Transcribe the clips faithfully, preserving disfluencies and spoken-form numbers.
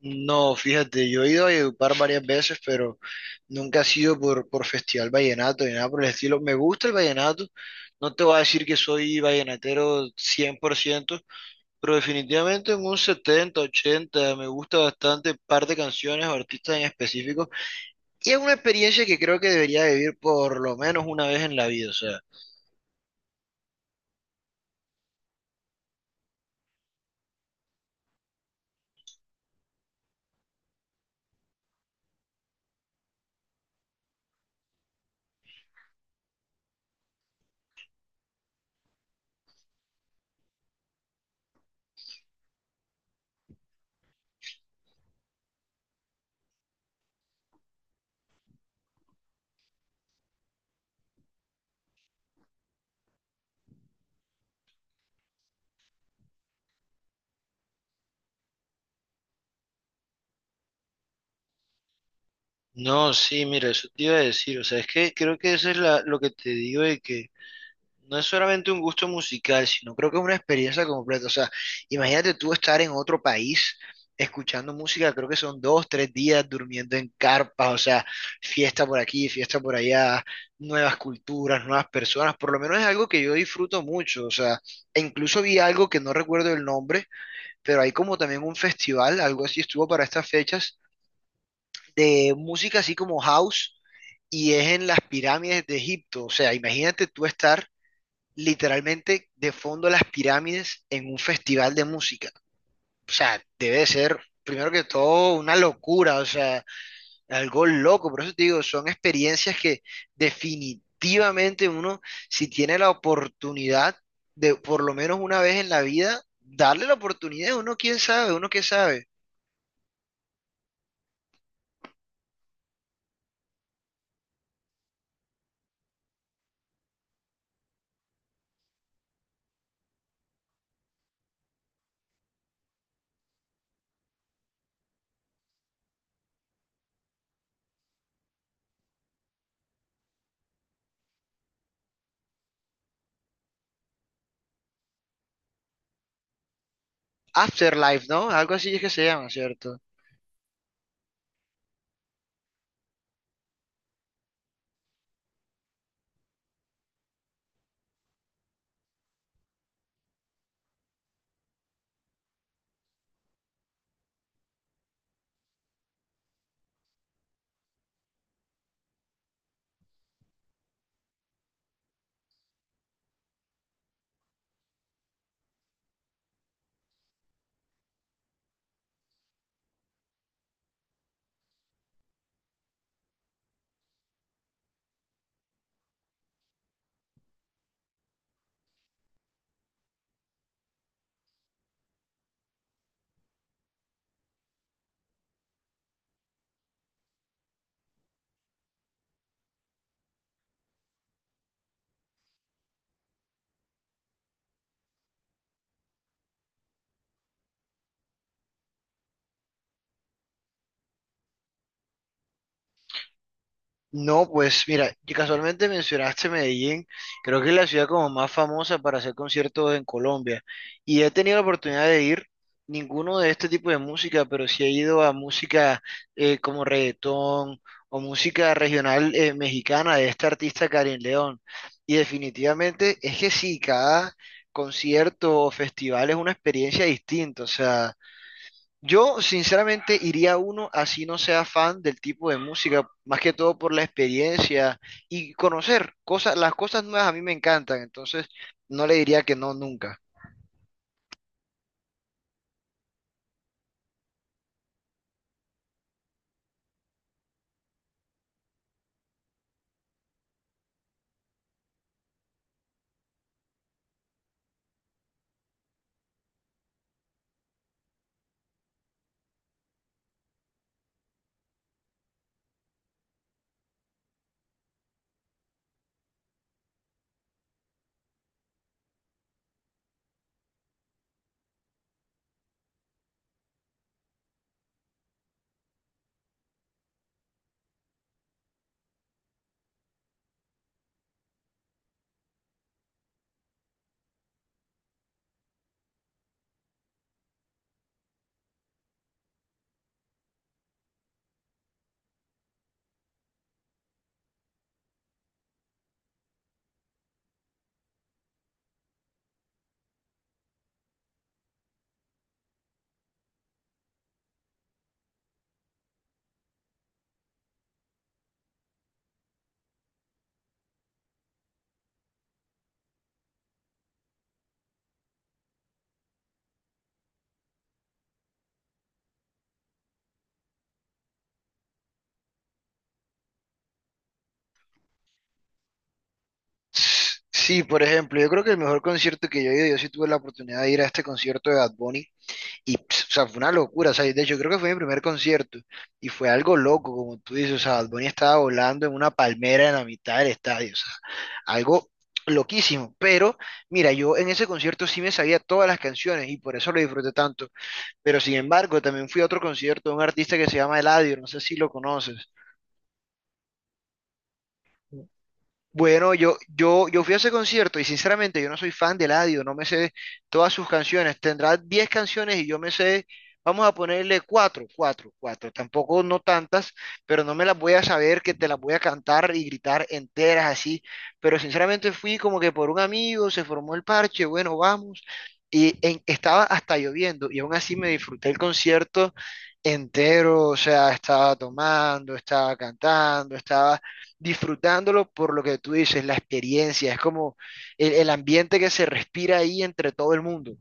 No, fíjate, yo he ido a Edupar varias veces, pero nunca ha sido por, por Festival Vallenato ni nada por el estilo. Me gusta el vallenato, no te voy a decir que soy vallenatero cien por ciento pero definitivamente en un setenta ochenta me gusta bastante par de canciones o artistas en específico. Y es una experiencia que creo que debería vivir por lo menos una vez en la vida, o sea. No, sí, mira, eso te iba a decir, o sea, es que creo que eso es la, lo que te digo de que no es solamente un gusto musical, sino creo que es una experiencia completa. O sea, imagínate tú estar en otro país escuchando música, creo que son dos, tres días durmiendo en carpas, o sea, fiesta por aquí, fiesta por allá, nuevas culturas, nuevas personas. Por lo menos es algo que yo disfruto mucho. O sea, e incluso vi algo que no recuerdo el nombre, pero hay como también un festival, algo así estuvo para estas fechas, de música así como house. Y es en las pirámides de Egipto. O sea, imagínate tú estar literalmente de fondo las pirámides en un festival de música. Debe de ser, primero que todo, una locura, o sea, algo loco. Por eso te digo, son experiencias que definitivamente uno, si tiene la oportunidad de por lo menos una vez en la vida, darle la oportunidad, uno quién sabe, uno qué sabe. Afterlife, ¿no? Algo así es que se llama, ¿cierto? No, pues mira, y casualmente mencionaste Medellín, creo que es la ciudad como más famosa para hacer conciertos en Colombia y he tenido la oportunidad de ir ninguno de este tipo de música, pero sí he ido a música eh, como reggaetón o música regional eh, mexicana de esta artista Karin León y definitivamente es que sí, cada concierto o festival es una experiencia distinta, o sea... Yo sinceramente iría a uno así no sea fan del tipo de música, más que todo por la experiencia y conocer cosas, las cosas nuevas a mí me encantan, entonces no le diría que no nunca. S- Sí, por ejemplo, yo creo que el mejor concierto que yo he ido, yo sí tuve la oportunidad de ir a este concierto de Bad Bunny. Y, pss, o sea, fue una locura, o sea, de hecho creo que fue mi primer concierto y fue algo loco, como tú dices, o sea, Bad Bunny estaba volando en una palmera en la mitad del estadio, o sea, algo loquísimo, pero mira, yo en ese concierto sí me sabía todas las canciones y por eso lo disfruté tanto, pero sin embargo también fui a otro concierto de un artista que se llama Eladio, no sé si lo conoces. Bueno, yo, yo, yo fui a ese concierto y sinceramente yo no soy fan de Eladio, no me sé todas sus canciones. Tendrá diez canciones y yo me sé, vamos a ponerle cuatro, cuatro, cuatro. Tampoco no tantas, pero no me las voy a saber que te las voy a cantar y gritar enteras así. Pero sinceramente fui como que por un amigo, se formó el parche, bueno, vamos. Y en- estaba hasta lloviendo y aún así me disfruté el concierto entero, o sea, estaba tomando, estaba cantando, estaba disfrutándolo por lo que tú dices, la experiencia, es como el, el ambiente que se respira ahí entre todo el mundo.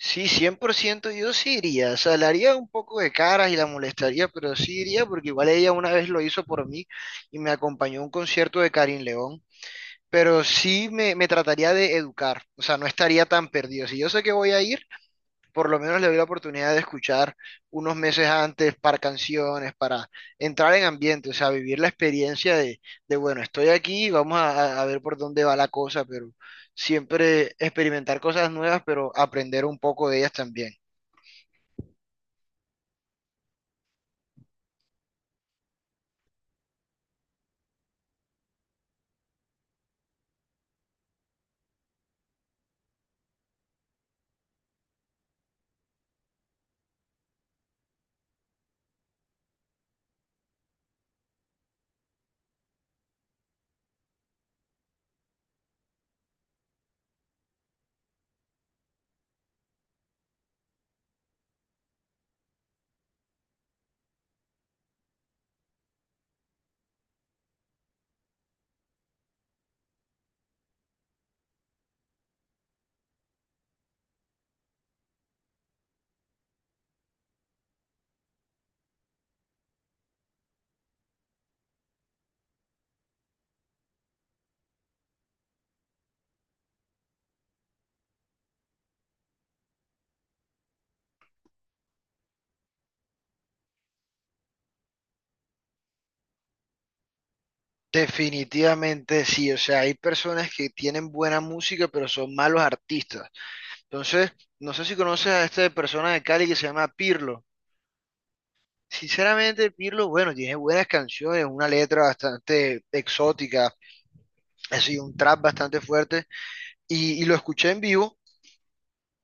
Sí, cien por ciento yo sí iría, o sea, le haría un poco de caras y la molestaría, pero sí iría porque igual ella una vez lo hizo por mí y me acompañó a un concierto de Karin León, pero sí me, me trataría de educar, o sea, no estaría tan perdido. Si yo sé que voy a ir, por lo menos le doy la oportunidad de escuchar unos meses antes para canciones, para entrar en ambiente, o sea, vivir la experiencia de, de bueno, estoy aquí, vamos a, a ver por dónde va la cosa, pero siempre experimentar cosas nuevas, pero aprender un poco de ellas también. Definitivamente sí, o sea, hay personas que tienen buena música, pero son malos artistas. Entonces, no sé si conoces a esta persona de Cali que se llama Pirlo. Sinceramente, Pirlo, bueno, tiene buenas canciones, una letra bastante exótica, ha sido un trap bastante fuerte y, y lo escuché en vivo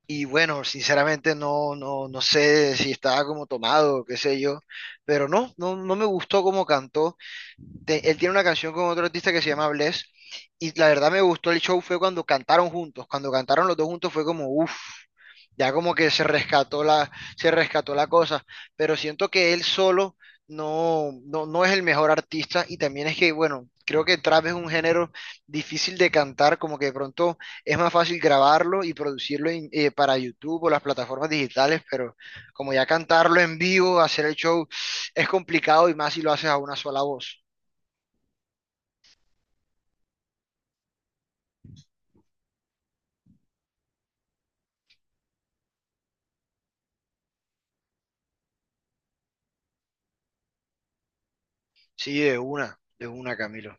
y bueno, sinceramente no, no, no sé si estaba como tomado, o qué sé yo, pero no, no, no me gustó cómo cantó te- él tiene una canción con otro artista que se llama Bless. Y la verdad me gustó el show fue cuando cantaron juntos. Cuando cantaron los dos juntos fue como, uff, ya como que se rescató la, se rescató la cosa. Pero siento que él solo no, no, no es el mejor artista. Y también es que, bueno, creo que trap es un género difícil de cantar, como que de pronto es más fácil grabarlo y producirlo en- eh, para YouTube o las plataformas digitales, pero como ya cantarlo en vivo, hacer el show, es complicado y más si lo haces a una sola voz. Sí, de una, de una, Camilo.